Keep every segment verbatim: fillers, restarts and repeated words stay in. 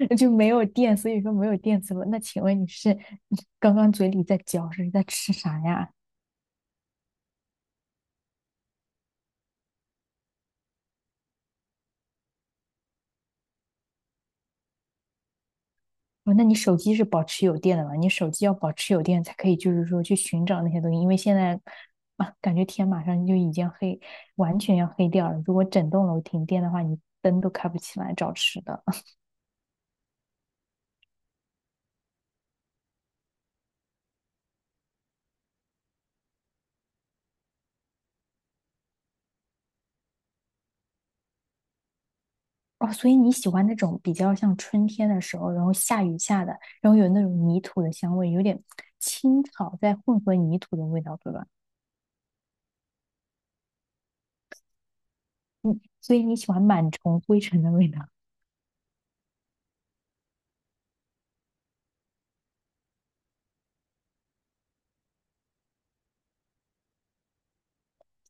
就没有电，所以说没有电磁炉。那请问你是刚刚嘴里在嚼是在吃啥呀？哦，那你手机是保持有电的吗？你手机要保持有电才可以，就是说去寻找那些东西，因为现在啊，感觉天马上就已经黑，完全要黑掉了。如果整栋楼停电的话，你灯都开不起来找吃的。哦，所以你喜欢那种比较像春天的时候，然后下雨下的，然后有那种泥土的香味，有点青草在混合泥土的味道，对吧？所以你喜欢螨虫、灰尘的味道。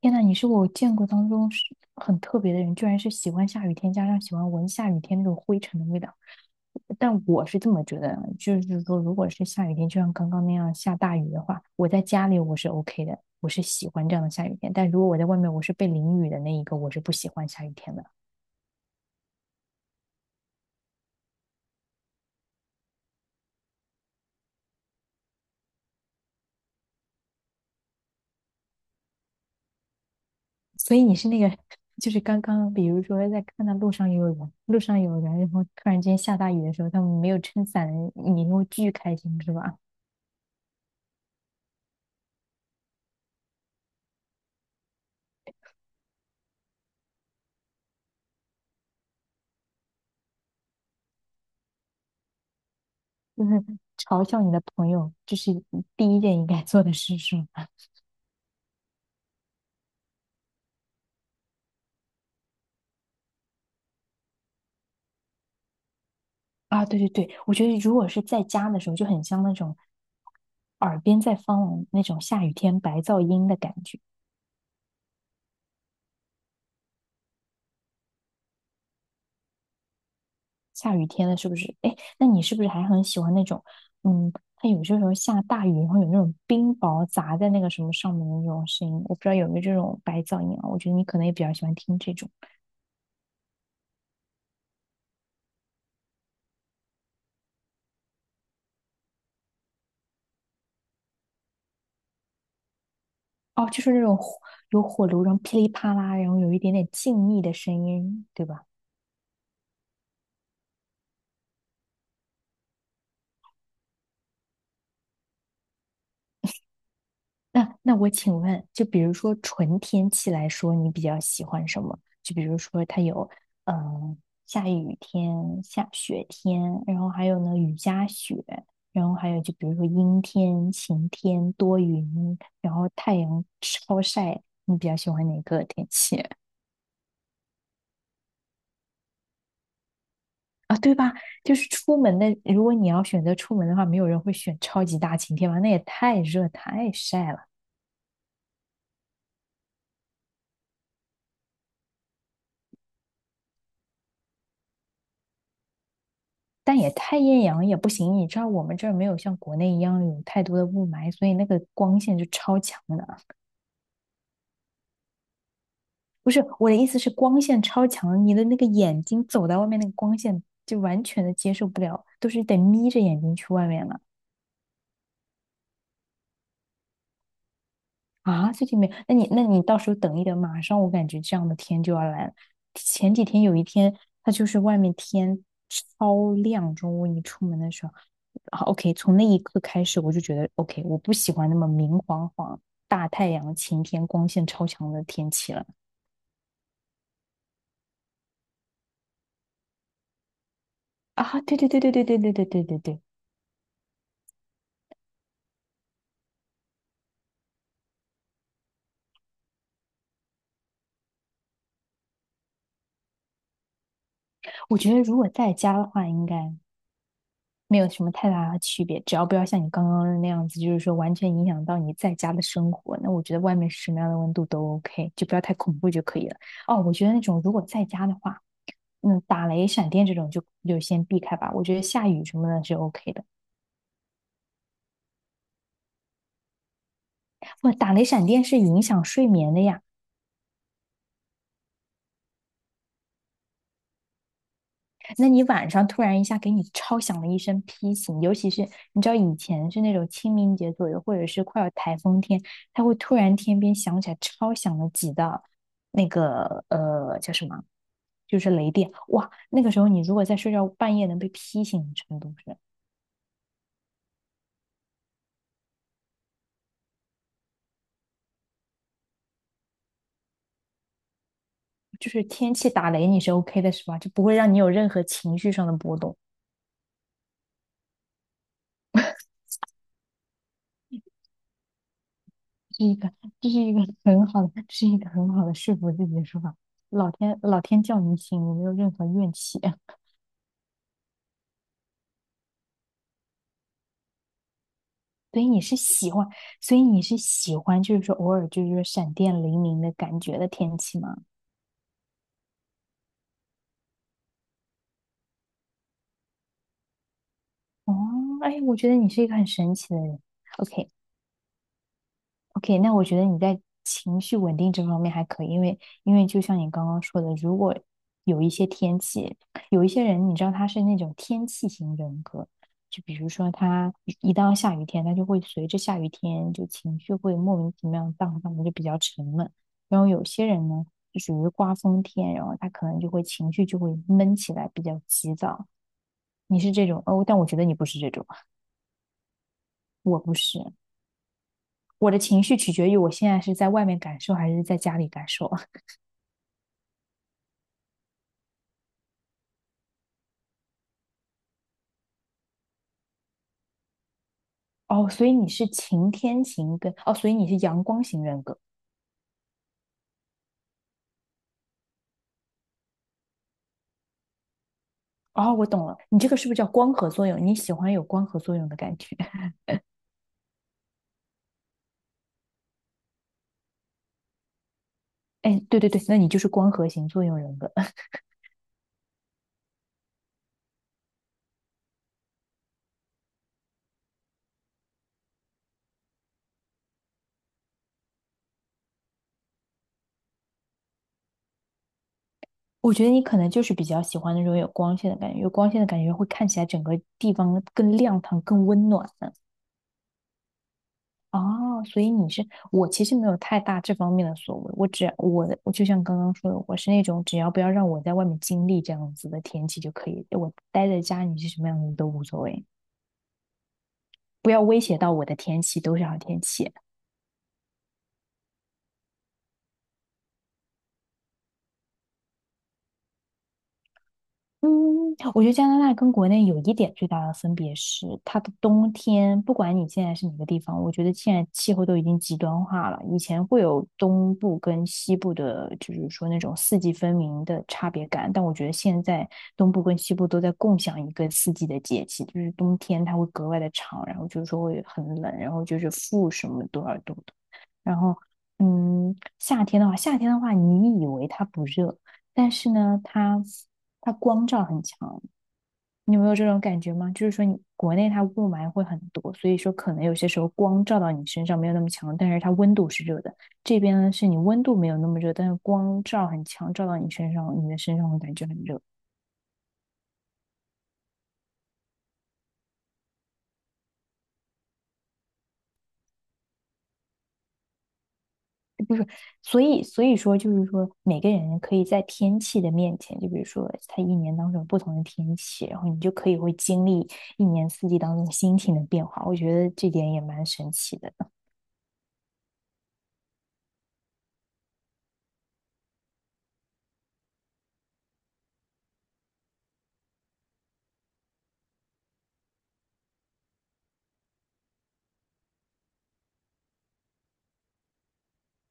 天呐，你是我见过当中是很特别的人，居然是喜欢下雨天，加上喜欢闻下雨天那种灰尘的味道。但我是这么觉得的就是说，如果是下雨天，就像刚刚那样下大雨的话，我在家里我是 OK 的，我是喜欢这样的下雨天。但如果我在外面，我是被淋雨的那一个，我是不喜欢下雨天的。所以你是那个，就是刚刚，比如说在看到路上有人，路上有人，然后突然间下大雨的时候，他们没有撑伞，你会巨开心，是吧？就是嘲笑你的朋友，这是第一件应该做的事，是吗？啊，对对对，我觉得如果是在家的时候，就很像那种耳边在放那种下雨天白噪音的感觉。下雨天了，是不是？哎，那你是不是还很喜欢那种，嗯，它有些时候下大雨，然后有那种冰雹砸在那个什么上面的那种声音，我不知道有没有这种白噪音啊？我觉得你可能也比较喜欢听这种。哦，就是那种火有火炉，然后噼里啪啦，然后有一点点静谧的声音，对吧？那那我请问，就比如说纯天气来说，你比较喜欢什么？就比如说它有，嗯、下雨天、下雪天，然后还有呢雨夹雪，然后还有就比如说阴天、晴天、多云，然后太阳超晒，你比较喜欢哪个天气？ 啊？对吧？就是出门的，如果你要选择出门的话，没有人会选超级大晴天吧？那也太热太晒了。但也太艳阳也不行，你知道我们这儿没有像国内一样有太多的雾霾，所以那个光线就超强的。不是，我的意思是光线超强，你的那个眼睛走到外面，那个光线就完全的接受不了，都是得眯着眼睛去外面了。啊，最近没有，那你那你到时候等一等，马上我感觉这样的天就要来了。前几天有一天，它就是外面天超亮，中午你出门的时候，好 o k， 从那一刻开始我就觉得 OK，我不喜欢那么明晃晃、大太阳、晴天、光线超强的天气了。啊，对对对对对对对对对对对，我觉得如果在家的话，应该没有什么太大的区别，只要不要像你刚刚那样子，就是说完全影响到你在家的生活，那我觉得外面是什么样的温度都 OK，就不要太恐怖就可以了。哦，我觉得那种如果在家的话，嗯，打雷闪电这种就就先避开吧。我觉得下雨什么的是 OK 的。哇，打雷闪电是影响睡眠的呀。那你晚上突然一下给你超响了一声批醒，尤其是你知道以前是那种清明节左右，或者是快要台风天，它会突然天边响起来超响了几道那个呃叫什么，就是雷电，哇，那个时候你如果在睡觉半夜能被劈醒的程度是，就是天气打雷你是 OK 的是吧？就不会让你有任何情绪上的波动，这是一个这是一个很好的，这是一个很好的说服自己的说法。老天老天叫你醒，我没有任何怨气。所以你是喜欢，所以你是喜欢，就是说偶尔就是说闪电雷鸣的感觉的天气吗？哦，哎，我觉得你是一个很神奇的人。OK。OK，那我觉得你在情绪稳定这方面还可以，因为因为就像你刚刚说的，如果有一些天气，有一些人，你知道他是那种天气型人格，就比如说他一一到下雨天，他就会随着下雨天就情绪会莫名其妙荡荡的，就比较沉闷。然后有些人呢，就属于刮风天，然后他可能就会情绪就会闷起来，比较急躁。你是这种哦，但我觉得你不是这种，我不是。我的情绪取决于我现在是在外面感受还是在家里感受。哦，所以你是晴天型跟哦，所以你是阳光型人格。哦，我懂了，你这个是不是叫光合作用？你喜欢有光合作用的感觉？哎，对对对，那你就是光合型作用人格。我觉得你可能就是比较喜欢那种有光线的感觉，有光线的感觉会看起来整个地方更亮堂、更温暖。哦，所以你是我其实没有太大这方面的所谓，我只我的我就像刚刚说的，我是那种只要不要让我在外面经历这样子的天气就可以，我待在家里是什么样子都无所谓。不要威胁到我的天气，都是好天气。嗯，我觉得加拿大跟国内有一点最大的分别是，它的冬天，不管你现在是哪个地方，我觉得现在气候都已经极端化了。以前会有东部跟西部的，就是说那种四季分明的差别感，但我觉得现在东部跟西部都在共享一个四季的节气，就是冬天它会格外的长，然后就是说会很冷，然后就是负什么多少度的，然后嗯，夏天的话，夏天的话，你以为它不热，但是呢，它。它光照很强，你有没有这种感觉吗？就是说，你国内它雾霾会很多，所以说可能有些时候光照到你身上没有那么强，但是它温度是热的。这边呢，是你温度没有那么热，但是光照很强，照到你身上，你的身上会感觉很热。所以，所以说就是说，每个人可以在天气的面前，就比如说它一年当中有不同的天气，然后你就可以会经历一年四季当中心情的变化。我觉得这点也蛮神奇的。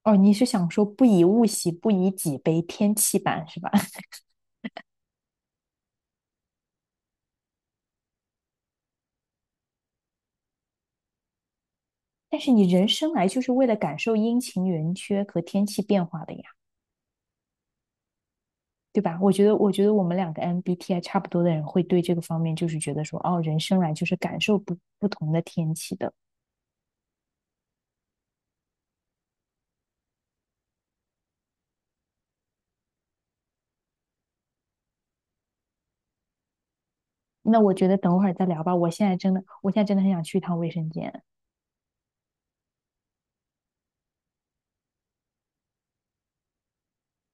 哦，你是想说不以物喜，不以己悲，天气版是吧？但是你人生来就是为了感受阴晴圆缺和天气变化的呀，对吧？我觉得，我觉得我们两个 M B T I 差不多的人会对这个方面就是觉得说，哦，人生来就是感受不不同的天气的。那我觉得等会儿再聊吧，我现在真的，我现在真的很想去一趟卫生间。